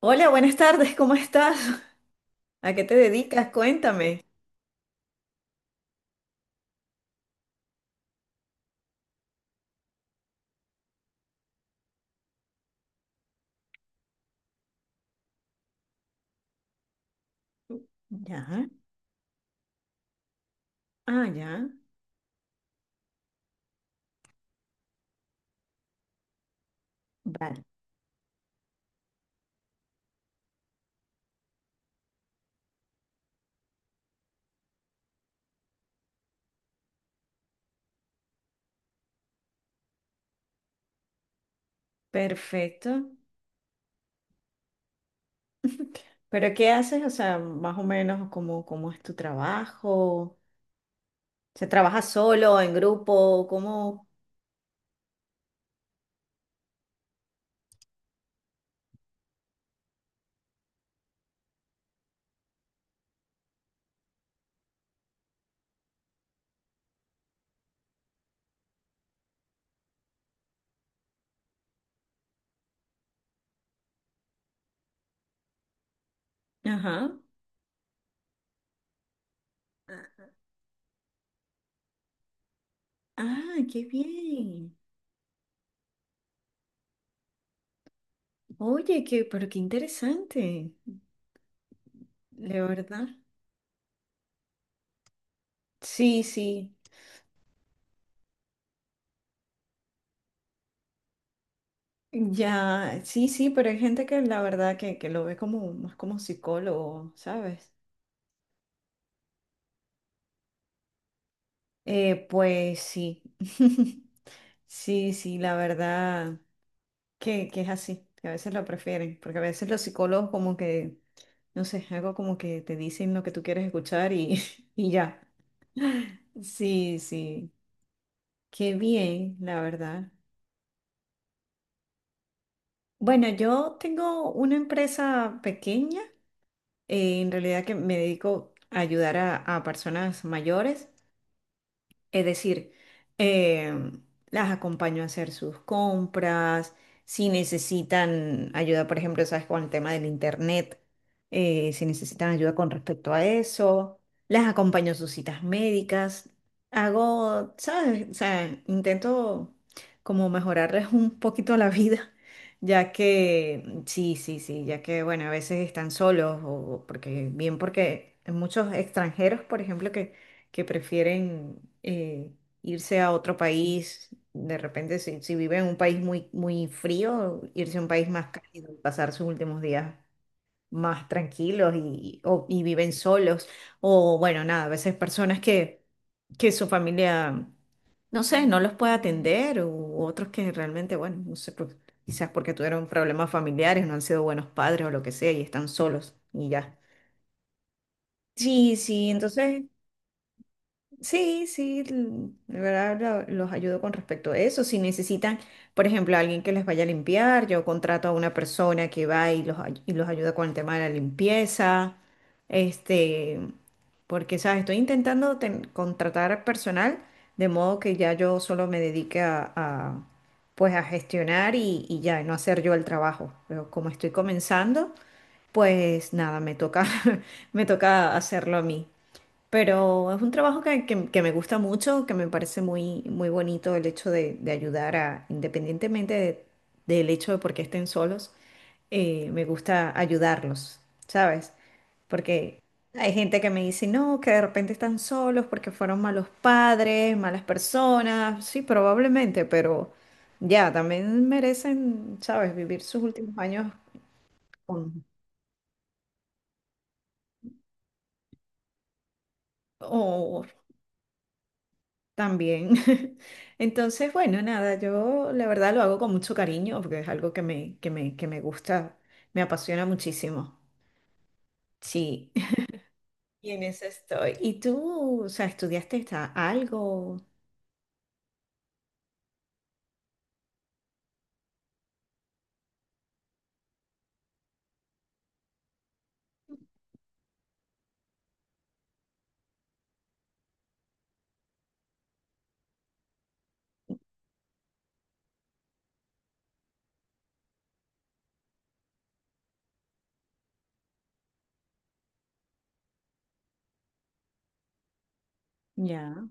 Hola, buenas tardes, ¿cómo estás? ¿A qué te dedicas? Cuéntame. Ya. Ah, ya. Vale. Perfecto. ¿Pero qué haces? O sea, más o menos, ¿cómo es tu trabajo? ¿Se trabaja solo, en grupo? ¿Cómo? Ajá. Ah, qué bien. Oye, qué interesante, de verdad. Sí, sí. Ya, sí, sí, pero hay gente que la verdad que lo ve como más como psicólogo, ¿sabes? Pues sí. Sí, sí, la verdad que es así, que a veces lo prefieren, porque a veces los psicólogos como que, no sé, algo como que te dicen lo que tú quieres escuchar y, y ya. Sí, sí, qué bien, la verdad. Bueno, yo tengo una empresa pequeña, en realidad, que me dedico a ayudar a personas mayores. Es decir, em, las acompaño a hacer sus compras, si necesitan ayuda, por ejemplo, sabes, con el tema del internet, si necesitan ayuda con respecto a eso, las acompaño a sus citas médicas, hago, ¿sabes? O sea, intento como mejorarles un poquito la vida, ya que, sí, sí, sí, ya que, bueno, a veces están solos, o porque, bien, porque hay muchos extranjeros, por ejemplo, que prefieren, irse a otro país, de repente si viven en un país muy, muy frío, irse a un país más cálido, y pasar sus últimos días más tranquilos y viven solos. O bueno, nada, a veces personas que su familia, no sé, no los puede atender, u otros que realmente, bueno, no sé, pues, quizás porque tuvieron problemas familiares, no han sido buenos padres o lo que sea, y están solos y ya. Sí, sí, entonces... Sí, sí, de verdad los ayudo con respecto a eso. Si necesitan, por ejemplo, alguien que les vaya a limpiar, yo contrato a una persona que va y y los ayuda con el tema de la limpieza. Este, porque, ¿sabes? Estoy intentando contratar personal de modo que ya yo solo me dedique pues a gestionar y ya, y no hacer yo el trabajo. Pero como estoy comenzando, pues nada, me toca, me toca hacerlo a mí. Pero es un trabajo que me gusta mucho, que me parece muy, muy bonito el hecho de ayudar a, independientemente del hecho de por qué estén solos, me gusta ayudarlos, ¿sabes? Porque hay gente que me dice, no, que de repente están solos porque fueron malos padres, malas personas, sí, probablemente, pero ya, también merecen, ¿sabes? Vivir sus últimos años con, o También. Entonces, bueno, nada, yo la verdad lo hago con mucho cariño porque es algo que me gusta, me apasiona muchísimo. Sí, y en eso estoy. ¿Y tú, o sea, estudiaste algo? Ya,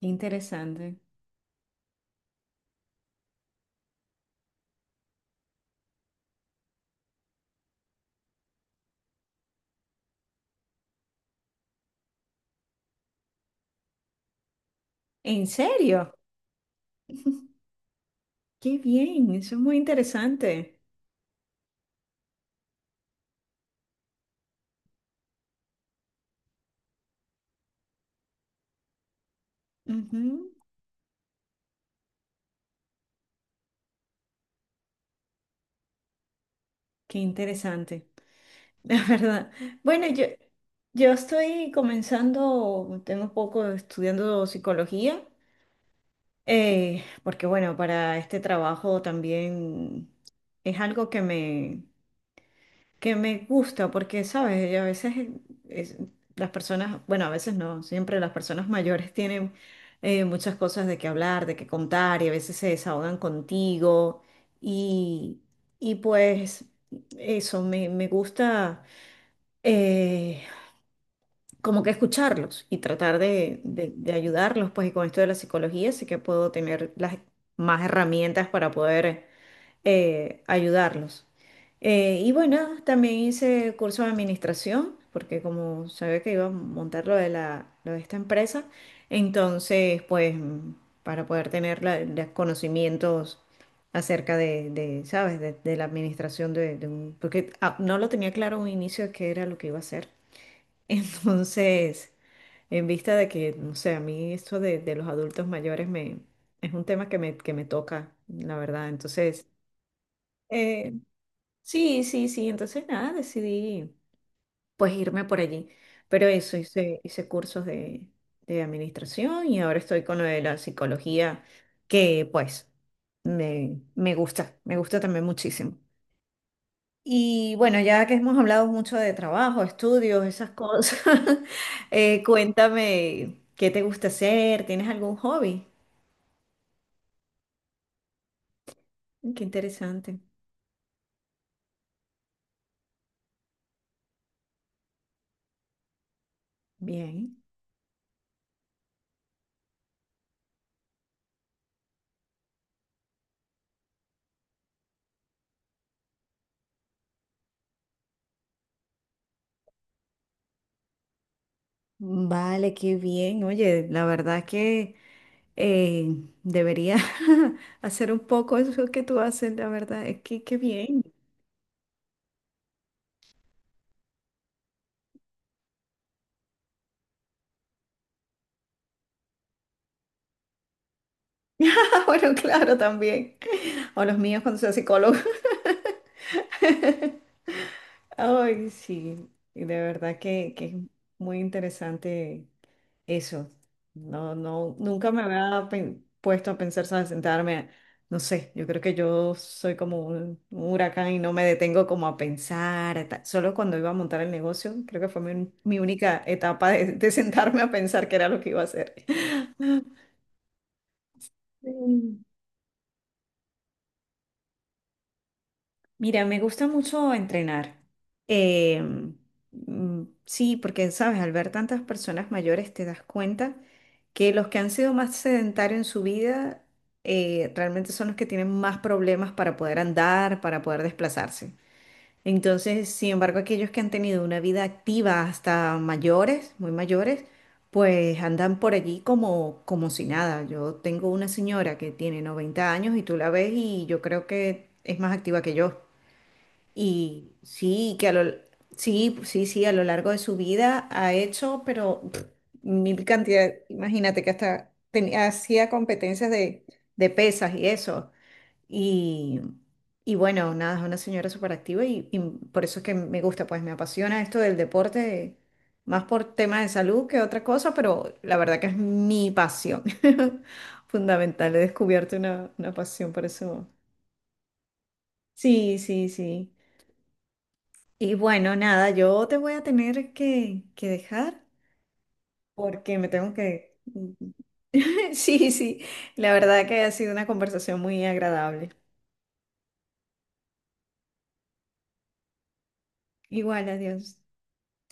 qué interesante. ¿En serio? Qué bien, eso es muy interesante. Ujú. Qué interesante, la verdad. Bueno, yo estoy comenzando, tengo un poco estudiando psicología. Porque bueno, para este trabajo también es algo que me gusta, porque sabes, y a veces, es- las personas, bueno, a veces no, siempre las personas mayores tienen, muchas cosas de qué hablar, de qué contar, y a veces se desahogan contigo. Y, y pues eso, me gusta, eh, como que escucharlos y tratar de ayudarlos, pues y con esto de la psicología sí que puedo tener las más herramientas para poder, ayudarlos. Y bueno, también hice curso de administración, porque como sabía que iba a montar lo de esta empresa, entonces pues, para poder tener los conocimientos acerca de, ¿sabes? De la administración de un... Porque, no lo tenía claro en un inicio de qué era lo que iba a hacer. Entonces... En vista de que, no sé, a mí esto de los adultos mayores es un tema que me toca, la verdad. Entonces, eh, sí, sí, sí. Entonces, nada, decidí pues irme por allí. Pero eso, hice cursos de administración y ahora estoy con lo de la psicología, que pues me gusta, me gusta también muchísimo. Y bueno, ya que hemos hablado mucho de trabajo, estudios, esas cosas, cuéntame qué te gusta hacer, ¿tienes algún hobby? Qué interesante. Bien. Vale, qué bien. Oye, la verdad que, eh, debería hacer un poco eso que tú haces, la verdad, es que qué bien. Ah, bueno, claro, también. O los míos cuando sea psicólogo. Ay, sí, y de verdad que es muy interesante. Eso, no, no, nunca me había puesto a pensar, ¿sabes? Sentarme, no sé, yo creo que yo soy como un huracán y no me detengo como a pensar, solo cuando iba a montar el negocio, creo que fue mi única etapa de sentarme a pensar qué era lo que iba a hacer. Sí. Mira, me gusta mucho entrenar. Eh, sí, porque, sabes, al ver tantas personas mayores te das cuenta que los que han sido más sedentarios en su vida, realmente son los que tienen más problemas para poder andar, para poder desplazarse. Entonces, sin embargo, aquellos que han tenido una vida activa hasta mayores, muy mayores, pues andan por allí como si nada. Yo tengo una señora que tiene 90 años y tú la ves y yo creo que es más activa que yo. Y sí, sí, sí, sí, a lo largo de su vida ha hecho, pero mil cantidad, imagínate que hasta tenía, hacía competencias de pesas y eso. Y, y bueno, nada, es una señora súper activa y por eso es que me gusta, pues me apasiona esto del deporte, más por temas de salud que otra cosa, pero la verdad que es mi pasión. Fundamental, he descubierto una pasión por eso. Sí, sí, sí. Y bueno, nada, yo te voy a tener que dejar porque me tengo que... Sí, sí, la verdad que ha sido una conversación muy agradable. Igual, adiós.